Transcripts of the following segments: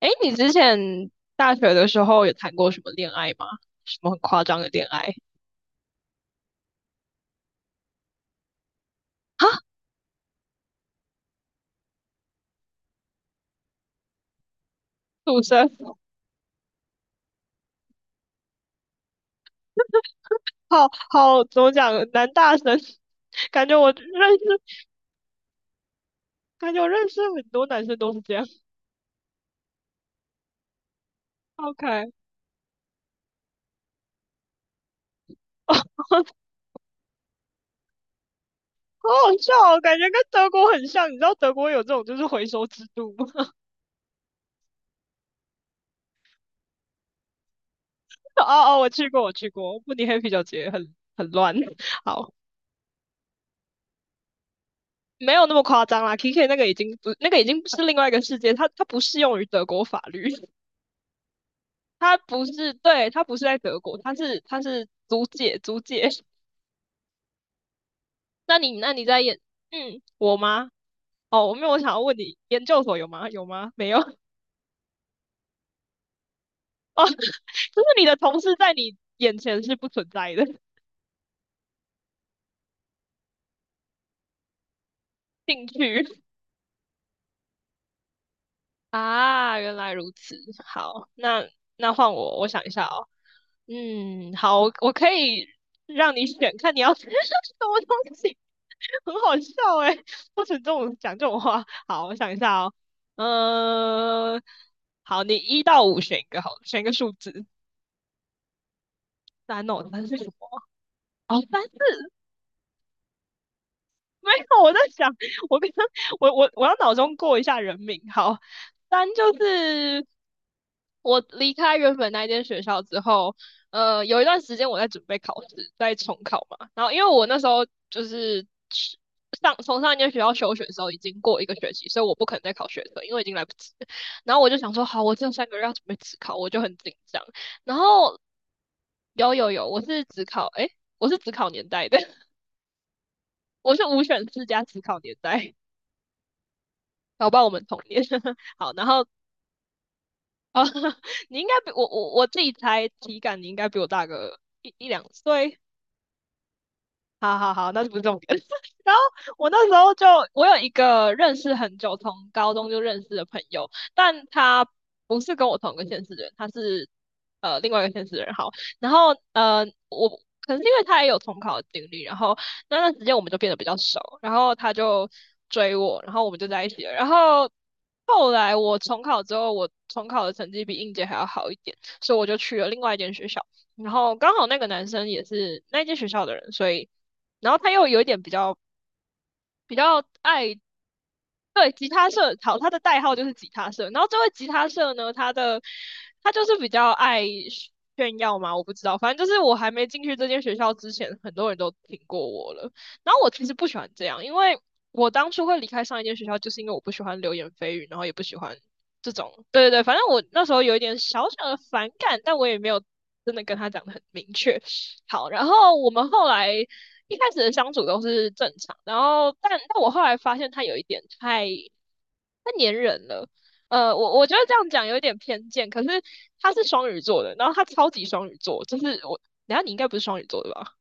哎，你之前大学的时候有谈过什么恋爱吗？什么很夸张的恋爱？啊？赌神，好好，怎么讲？男大神，感觉我认识，感觉我认识很多男生都是这样。OK，哦，好好笑哦，感觉跟德国很像。你知道德国有这种就是回收制度吗？哦哦，我去过，慕尼黑啤酒节很乱。好。没有那么夸张啦，K K 那个已经不是另外一个世界，它不适用于德国法律。他不是，对，他不是在德国，他是租借租借。那你那你在研，我吗？哦，我没有，我想要问你，研究所有吗？有吗？没有。哦，就是你的同事在你眼前是不存在的。 兴趣。啊，原来如此。好，那换我，我想一下哦。嗯，好，我可以让你选，看你要吃 什么东西，很好笑哎，不准这种讲这种话。好，我想一下哦。嗯、好，你1到5选一个好了选一个数字。三哦，三是什么？哦，三四。 没有，我在想，我刚刚我我我要脑中过一下人名。好，三就是我离开原本那间学校之后，有一段时间我在准备考试，在重考嘛。然后因为我那时候就是去从上一间学校休学的时候已经过一个学期，所以我不可能再考学测，因为已经来不及了。然后我就想说，好，我这3个月要准备自考，我就很紧张。然后有有有，我是只考年代的，我是5选4加只考年代。搞不好我们同年。好，然后哦，你应该比我我我自己猜体感，你应该比我大个一两岁。好好好，那就不是重点。然后我那时候就，我有一个认识很久，从高中就认识的朋友，但他不是跟我同一个县市的人，他是另外一个县市的人。好，然后我可能是因为他也有重考的经历，然后那段时间我们就变得比较熟，然后他就追我，然后我们就在一起了。然后后来我重考之后，我重考的成绩比应届还要好一点，所以我就去了另外一间学校。然后刚好那个男生也是那间学校的人，所以然后他又有一点比较爱。对，吉他社，好，他的代号就是吉他社。然后这位吉他社呢，他就是比较爱炫耀嘛，我不知道，反正就是我还没进去这间学校之前，很多人都听过我了。然后我其实不喜欢这样，因为我当初会离开上一间学校，就是因为我不喜欢流言蜚语，然后也不喜欢这种，对对对，反正我那时候有一点小小的反感，但我也没有真的跟他讲的很明确。好，然后我们后来一开始的相处都是正常，然后但我后来发现他有一点太黏人了。我觉得这样讲有一点偏见，可是他是双鱼座的，然后他超级双鱼座，就是我，然下你应该不是双鱼座的吧？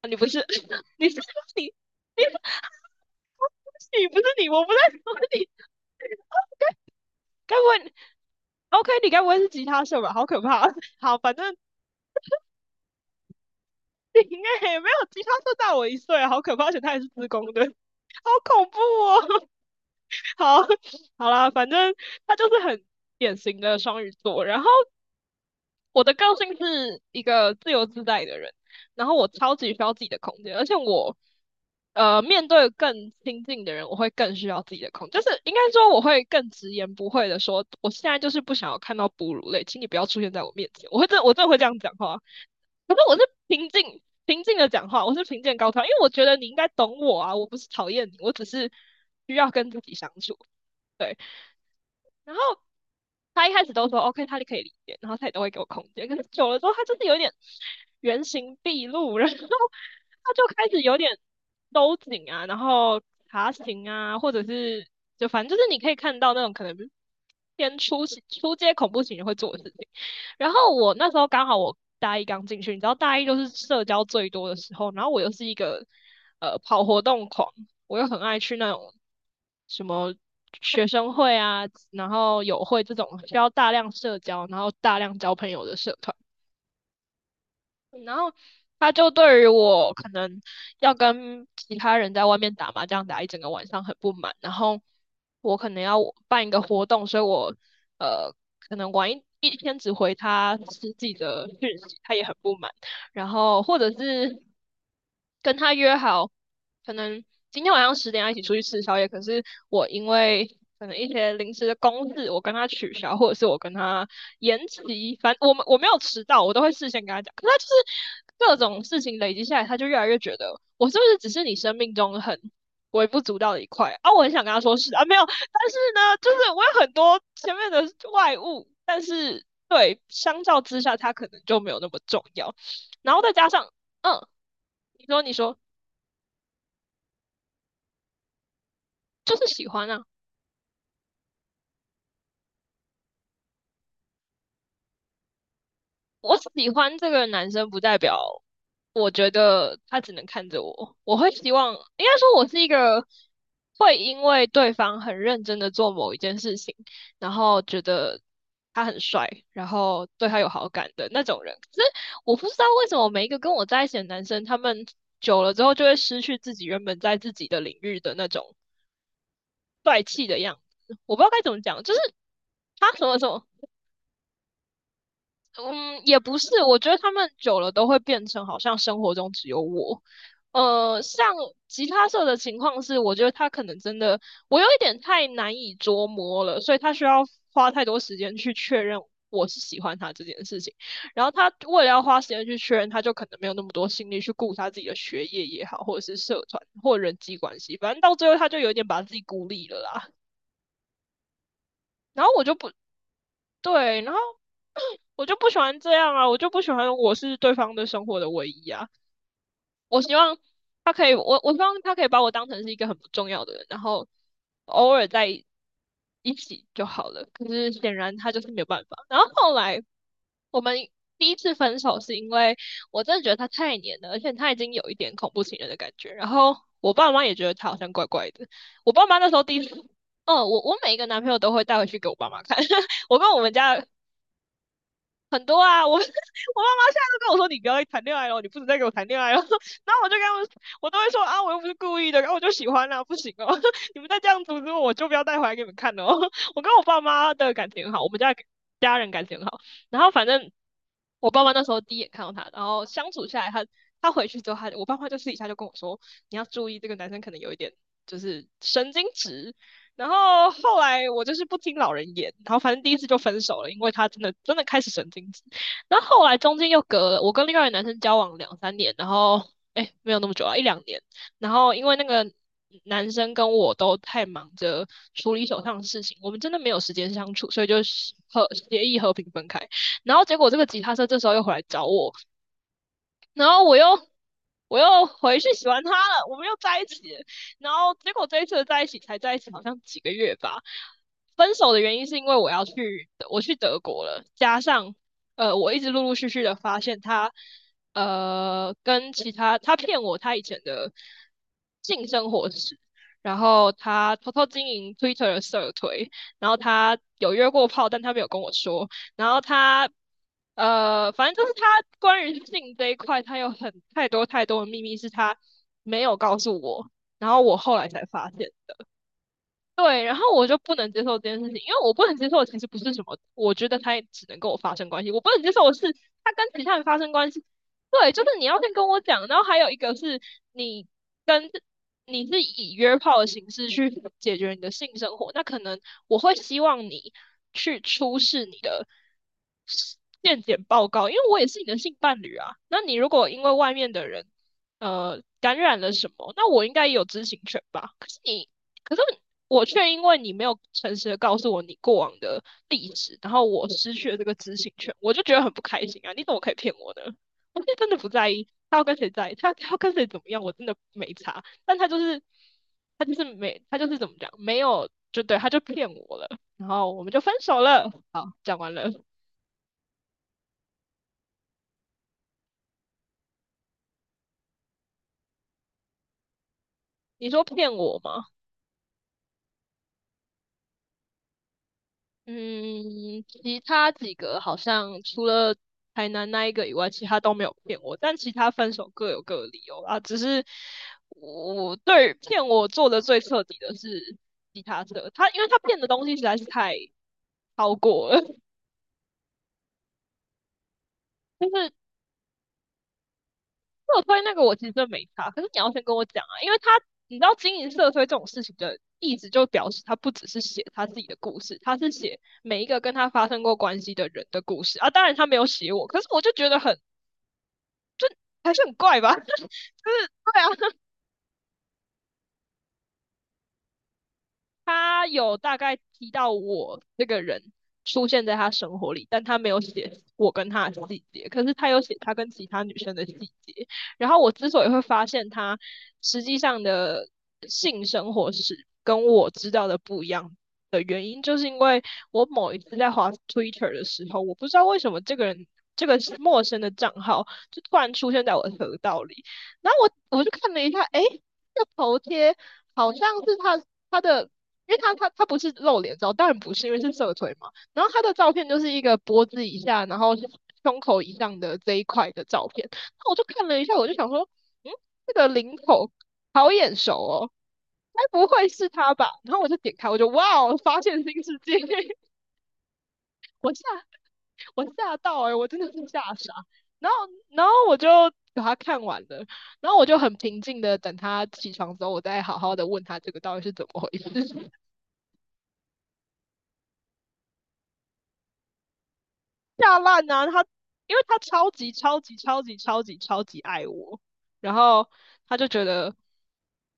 啊你不是，你是你，你不是你，我不在说你，该不会 OK？你该不会是吉他社吧？好可怕！好，反正你应该也没有吉他社大我1岁啊，好可怕，而且他也是自工的，好恐怖哦。好，好啦，反正他就是很典型的双鱼座。然后我的个性是一个自由自在的人，然后我超级需要自己的空间，而且我面对更亲近的人，我会更需要自己的空间，就是应该说我会更直言不讳的说，我现在就是不想要看到哺乳类，请你不要出现在我面前。我真的会这样讲话，可是我是平静平静的讲话，我是平静高调，因为我觉得你应该懂我啊，我不是讨厌你，我只是需要跟自己相处。对，然后他一开始都说 OK，他可以理解，然后他也都会给我空间。可是久了之后，他就是有点原形毕露，然后他就开始有点收紧啊，然后爬行啊，或者是就反正就是你可以看到那种可能偏出街恐怖情人会做的事情。然后我那时候刚好我大一刚进去，你知道大一就是社交最多的时候，然后我又是一个跑活动狂，我又很爱去那种什么。学生会啊，然后友会这种需要大量社交，然后大量交朋友的社团，然后他就对于我可能要跟其他人在外面打麻将打一整个晚上很不满，然后我可能要办一个活动，所以我呃可能晚一天只回他十几的讯息，他也很不满，然后或者是跟他约好，可能今天晚上10点要一起出去吃宵夜，可是我因为可能一些临时的公事，我跟他取消，或者是我跟他延期，反正我没有迟到，我都会事先跟他讲。可是他就是各种事情累积下来，他就越来越觉得我是不是只是你生命中很微不足道的一块啊？啊我很想跟他说是啊，没有，但是呢，就是我有很多前面的外物，但是对，相较之下，他可能就没有那么重要。然后再加上，嗯，你说你说，就是喜欢啊，我喜欢这个男生不代表我觉得他只能看着我，我会希望，应该说我是一个会因为对方很认真的做某一件事情，然后觉得他很帅，然后对他有好感的那种人。可是我不知道为什么每一个跟我在一起的男生，他们久了之后就会失去自己原本在自己的领域的那种帅气的样子。我不知道该怎么讲，就是他什么什么，嗯，也不是，我觉得他们久了都会变成好像生活中只有我。像吉他社的情况是，我觉得他可能真的，我有一点太难以捉摸了，所以他需要花太多时间去确认我是喜欢他这件事情。然后他为了要花时间去确认，他就可能没有那么多心力去顾他自己的学业也好，或者是社团或人际关系，反正到最后他就有点把自己孤立了啦。然后我就不对，然后我就不喜欢这样啊，我就不喜欢我是对方的生活的唯一啊。我希望他可以，我希望他可以把我当成是一个很不重要的人，然后偶尔在一起就好了。可是显然他就是没有办法。然后后来我们第一次分手是因为我真的觉得他太黏了，而且他已经有一点恐怖情人的感觉。然后我爸妈也觉得他好像怪怪的。我爸妈那时候第一次。哦，我每一个男朋友都会带回去给我爸妈看，我跟我们家很多啊，我 我爸妈现在都跟我说，你不要再谈恋爱了，你不准再给我谈恋爱了。然后我就跟他们，我都会说啊，我又不是故意的，然后我就喜欢啦、不行哦，你们再这样阻止我，我就不要带回来给你们看了哦。我跟我爸妈的感情很好，我们家的家人感情很好。然后反正我爸妈那时候第一眼看到他，然后相处下来他，他回去之后他，我爸妈就私底下就跟我说，你要注意这个男生可能有一点就是神经质，然后后来我就是不听老人言，然后反正第一次就分手了，因为他真的真的开始神经质。然后后来中间又隔了，我跟另外一个男生交往两三年，然后哎没有那么久啊，一两年。然后因为那个男生跟我都太忙着处理手上的事情，我们真的没有时间相处，所以就是和协议和平分开。然后结果这个吉他社这时候又回来找我，然后我又回去喜欢他了，我们又在一起了。然后结果这一次在一起才在一起，好像几个月吧。分手的原因是因为我去德国了，加上我一直陆陆续续的发现他跟其他他骗我他以前的性生活史，然后他偷偷经营 Twitter 的社推，然后他有约过炮，但他没有跟我说。然后他反正就是他关于性这一块，他有很太多太多的秘密是他没有告诉我，然后我后来才发现。对，然后我就不能接受这件事情，因为我不能接受的其实不是什么，我觉得他也只能跟我发生关系，我不能接受的是他跟其他人发生关系。对，就是你要先跟我讲，然后还有一个是你跟你是以约炮的形式去解决你的性生活，那可能我会希望你去出示你的健检报告，因为我也是你的性伴侣啊。那你如果因为外面的人感染了什么，那我应该也有知情权吧？可是你。可是我却因为你没有诚实的告诉我你过往的地址，然后我失去了这个知情权，我就觉得很不开心啊！你怎么可以骗我呢？我是真的不在意他要跟谁在意，他要跟谁怎么样，我真的没差。但他就是，他就是没，他就是怎么讲，没有就对，他就骗我了，然后我们就分手了。好，讲完了。你说骗我吗？嗯，其他几个好像除了台南那一个以外，其他都没有骗我，但其他分手各有各的理由啊，只是我对于骗我做的最彻底的是吉他社，他因为他骗的东西实在是太超过了，就是社推那个我其实真的没差，可是你要先跟我讲啊，因为他你知道经营社推这种事情的意思，就表示他不只是写他自己的故事，他是写每一个跟他发生过关系的人的故事啊。当然他没有写我，可是我就觉得很。还是很怪吧？就是对啊，他有大概提到我这个人出现在他生活里，但他没有写我跟他的细节，可是他有写他跟其他女生的细节。然后我之所以会发现他实际上的性生活是跟我知道的不一样的原因，就是因为我某一次在滑 Twitter 的时候，我不知道为什么这个人。这个是陌生的账号，就突然出现在我的河道里，然后我就看了一下，诶，这头贴好像是他他的因为他不是露脸照，当然不是，因为是社腿嘛。然后他的照片就是一个脖子以下，然后胸口以上的这一块的照片。那我就看了一下，我就想说，嗯，这个领口好眼熟哦，该不会是他吧？然后我就点开，我就哇哦，发现新世界，我吓我吓到我真的是吓傻。然后然后我就把他看完了，然后我就很平静的等他起床之后，我再好好的问他这个到底是怎么回事。下烂啊！他因为他超级超级超级超级超级爱我，然后他就觉得，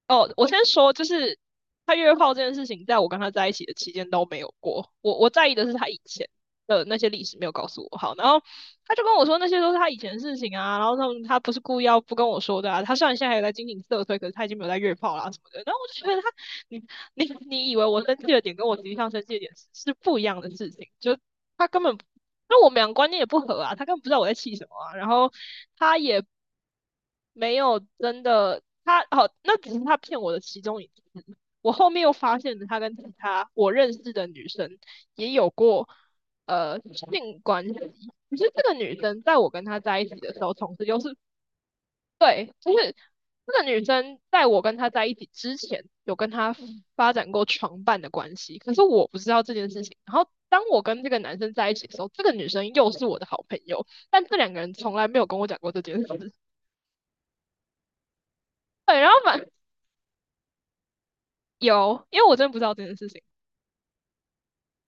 哦，我先说，就是他约炮这件事情，在我跟他在一起的期间都没有过。我在意的是他以前的那些历史没有告诉我。好，然后他就跟我说那些都是他以前的事情啊，然后他不是故意要不跟我说的啊。他虽然现在还有在经营色推，可是他已经没有在约炮啦、什么的。然后我就觉得他，你你以为我生气的点跟我实际上生气的点是不一样的事情，就他根本那我们俩观念也不合啊，他根本不知道我在气什么啊，然后他也没有真的，他好，那只是他骗我的其中一次。我后面又发现了他跟其他我认识的女生也有过性关系，可是这个女生在我跟她在一起的时候，同时又是对，就是这个女生在我跟她在一起之前，有跟她发展过床伴的关系，可是我不知道这件事情。然后当我跟这个男生在一起的时候，这个女生又是我的好朋友，但这两个人从来没有跟我讲过这件事。对，然后有，因为我真的不知道这件事情，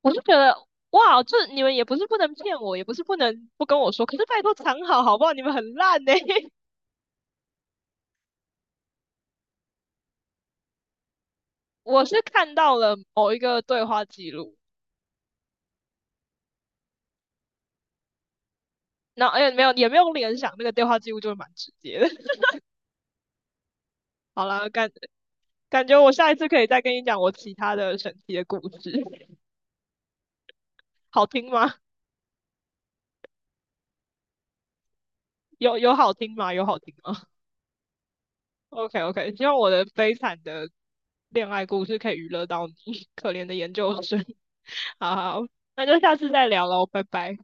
我就觉得哇，这你们也不是不能骗我，也不是不能不跟我说，可是拜托藏好好不好？你们很烂呢、我是看到了某一个对话记录，那哎没有也没有联想，那个对话记录就是蛮直接的。好了，感觉我下一次可以再跟你讲我其他的神奇的故事，好听吗？有好听吗？有好听吗？OK OK，希望我的悲惨的恋爱故事可以娱乐到你，可怜的研究生。好好，那就下次再聊喽，拜拜。